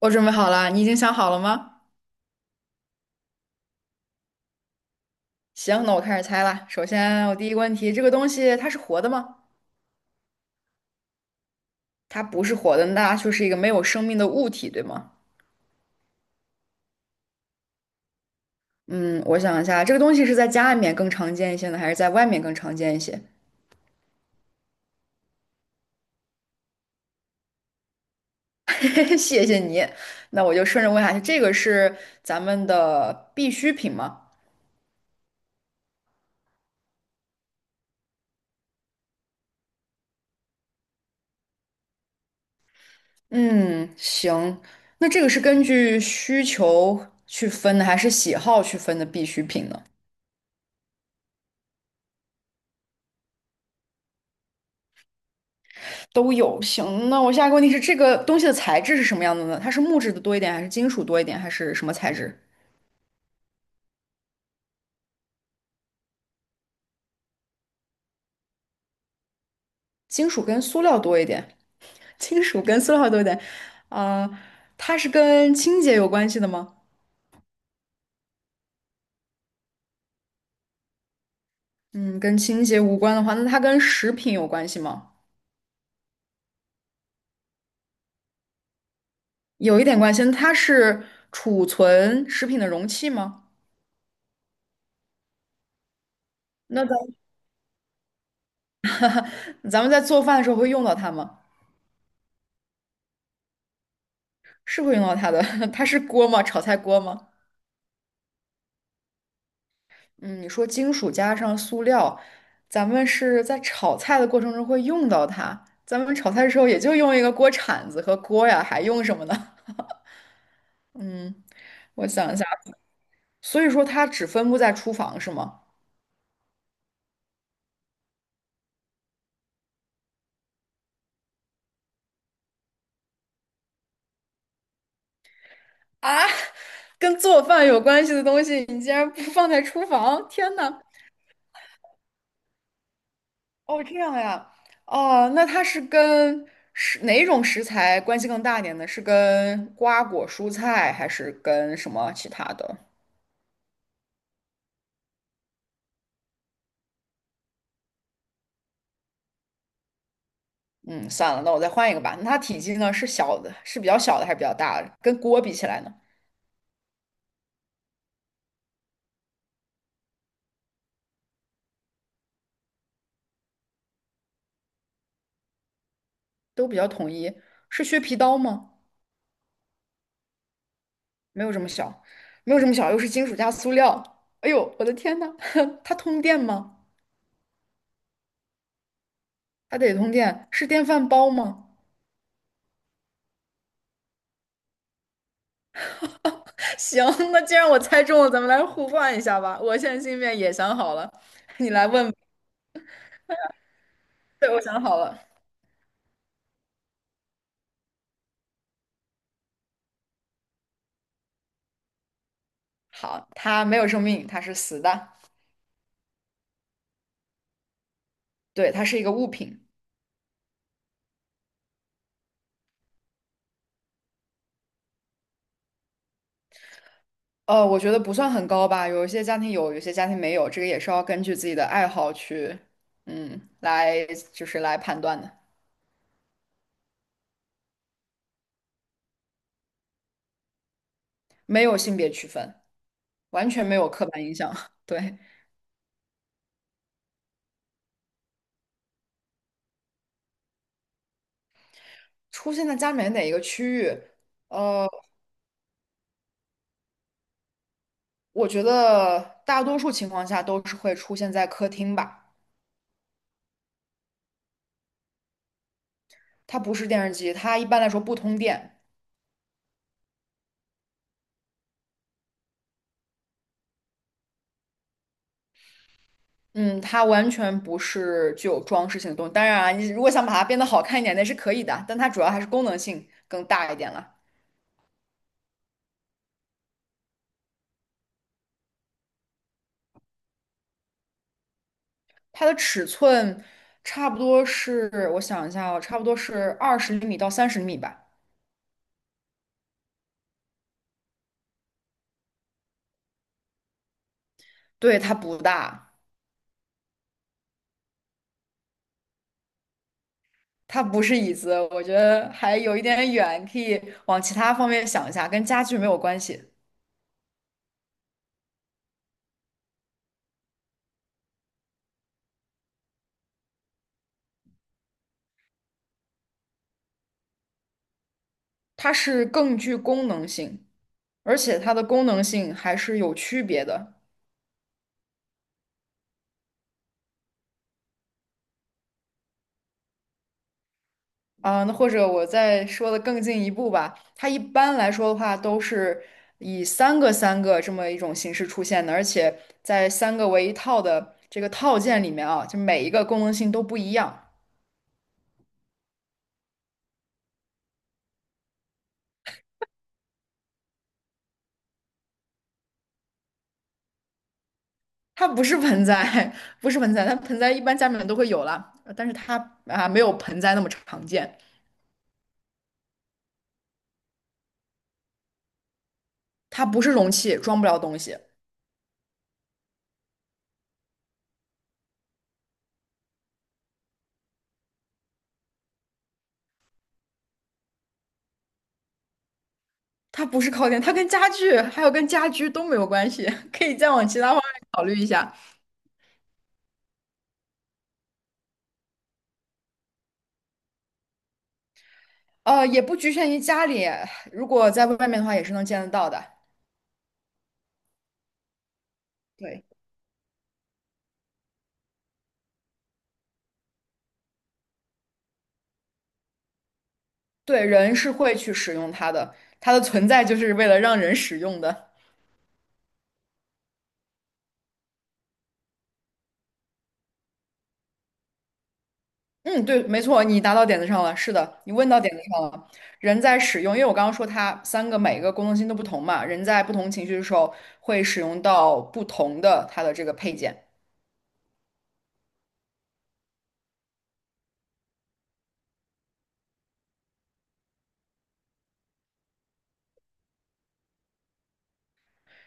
我准备好了，你已经想好了吗？行，那我开始猜了。首先，我第一个问题，这个东西它是活的吗？它不是活的，那它就是一个没有生命的物体，对吗？嗯，我想一下，这个东西是在家里面更常见一些呢，还是在外面更常见一些？谢谢你。那我就顺着问下去，这个是咱们的必需品吗？嗯，行。那这个是根据需求去分的，还是喜好去分的必需品呢？都有。行，那我下一个问题是，这个东西的材质是什么样的呢？它是木质的多一点，还是金属多一点，还是什么材质？金属跟塑料多一点，金属跟塑料多一点。呃，它是跟清洁有关系的吗？嗯，跟清洁无关的话，那它跟食品有关系吗？有一点关系。那它是储存食品的容器吗？那咱们在做饭的时候会用到它吗？是会用到它的。它是锅吗？炒菜锅吗？嗯，你说金属加上塑料，咱们是在炒菜的过程中会用到它。咱们炒菜的时候也就用一个锅铲子和锅呀，还用什么呢？嗯，我想一下，所以说它只分布在厨房是吗？啊，跟做饭有关系的东西，你竟然不放在厨房？天呐！哦，这样呀，哦，那它是跟哪种食材关系更大一点呢？是跟瓜果蔬菜，还是跟什么其他的？嗯，算了，那我再换一个吧。那它体积呢是小的，是比较小的还是比较大的？跟锅比起来呢，都比较统一。是削皮刀吗？没有这么小，没有这么小，又是金属加塑料。哎呦，我的天呐，它通电吗？它得通电。是电饭煲吗？行，那既然我猜中了，咱们来互换一下吧。我现在心里面也想好了，你来问吧对，我想好了。好，它没有生命，它是死的。对，它是一个物品。呃，我觉得不算很高吧，有一些家庭有，有些家庭没有，这个也是要根据自己的爱好去，嗯，就是来判断的，没有性别区分，完全没有刻板印象。对，出现在家里面哪一个区域，呃，我觉得大多数情况下都是会出现在客厅吧，它不是电视机，它一般来说不通电。嗯，它完全不是具有装饰性的东西。当然啊，你如果想把它变得好看一点，那是可以的，但它主要还是功能性更大一点了。它的尺寸差不多是，我想一下哦，差不多是20厘米到30厘米吧。对，它不大，它不是椅子，我觉得还有一点远，可以往其他方面想一下，跟家具没有关系。它是更具功能性，而且它的功能性还是有区别的。啊，那或者我再说的更进一步吧，它一般来说的话都是以三个三个这么一种形式出现的，而且在三个为一套的这个套件里面啊，就每一个功能性都不一样。它不是盆栽，不是盆栽，它盆栽一般家里面都会有啦，但是它啊没有盆栽那么常见。它不是容器，装不了东西。它不是靠垫，它跟家具还有跟家居都没有关系，可以再往其他方面考虑一下。也不局限于家里，如果在外面的话，也是能见得到的。对，对，人是会去使用它的，它的存在就是为了让人使用的。嗯，对，没错，你答到点子上了。是的，你问到点子上了。人在使用，因为我刚刚说它三个每一个功能性都不同嘛，人在不同情绪的时候会使用到不同的它的这个配件。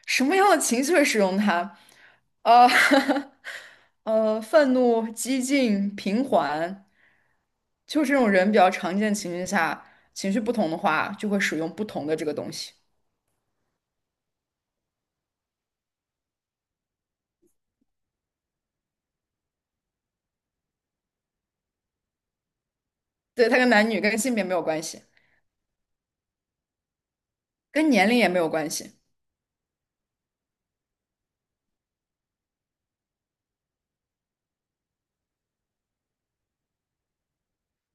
什么样的情绪会使用它？呃，呃，愤怒、激进、平缓，就这种人比较常见的情绪下，情绪不同的话，就会使用不同的这个东西。对，它跟男女、跟性别没有关系，跟年龄也没有关系。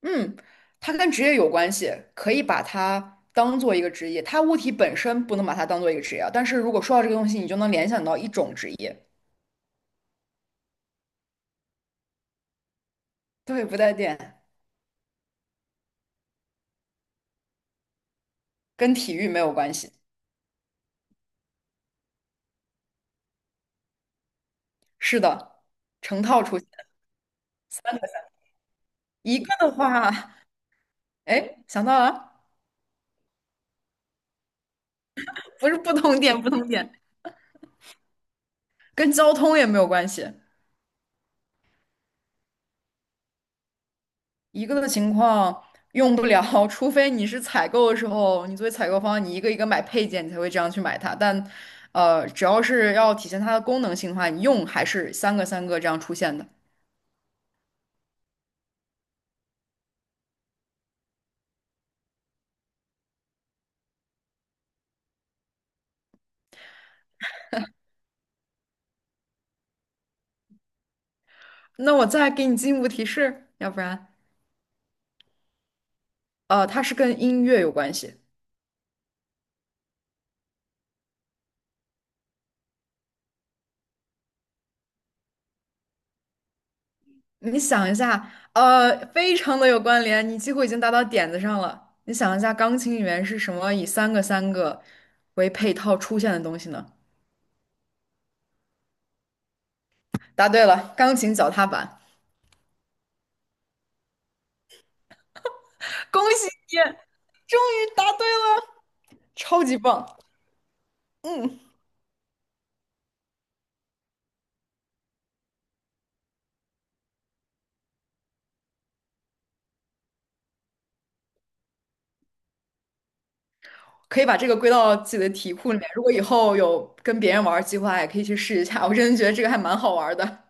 嗯，它跟职业有关系，可以把它当做一个职业。它物体本身不能把它当做一个职业啊但是如果说到这个东西，你就能联想到一种职业。对，不带电，跟体育没有关系。是的，成套出。一个的话，哎，想到了，不是不同点，不同点，跟交通也没有关系。一个的情况用不了，除非你是采购的时候，你作为采购方，你一个一个买配件，你才会这样去买它。但，呃，只要是要体现它的功能性的话，你用还是三个三个这样出现的。那我再给你进一步提示，要不然，它是跟音乐有关系。你想一下，呃，非常的有关联，你几乎已经答到点子上了。你想一下，钢琴里面是什么以三个三个为配套出现的东西呢？答对了，钢琴脚踏板。恭喜你，终于答对了，超级棒！嗯，可以把这个归到自己的题库里面。如果以后有跟别人玩儿计划，也可以去试一下。我真的觉得这个还蛮好玩儿的。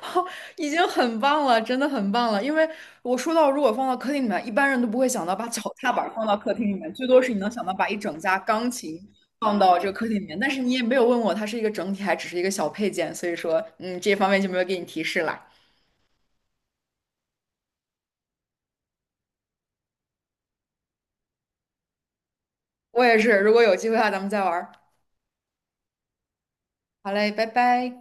已经很棒了，真的很棒了。因为我说到，如果放到客厅里面，一般人都不会想到把 脚踏板放到客厅里面，最多是你能想到把一整架钢琴放到这个客厅里面。但是你也没有问我它是一个整体，还只是一个小配件，所以说，嗯，这方面就没有给你提示了。我也是，如果有机会的话，咱们再玩儿好嘞，拜拜。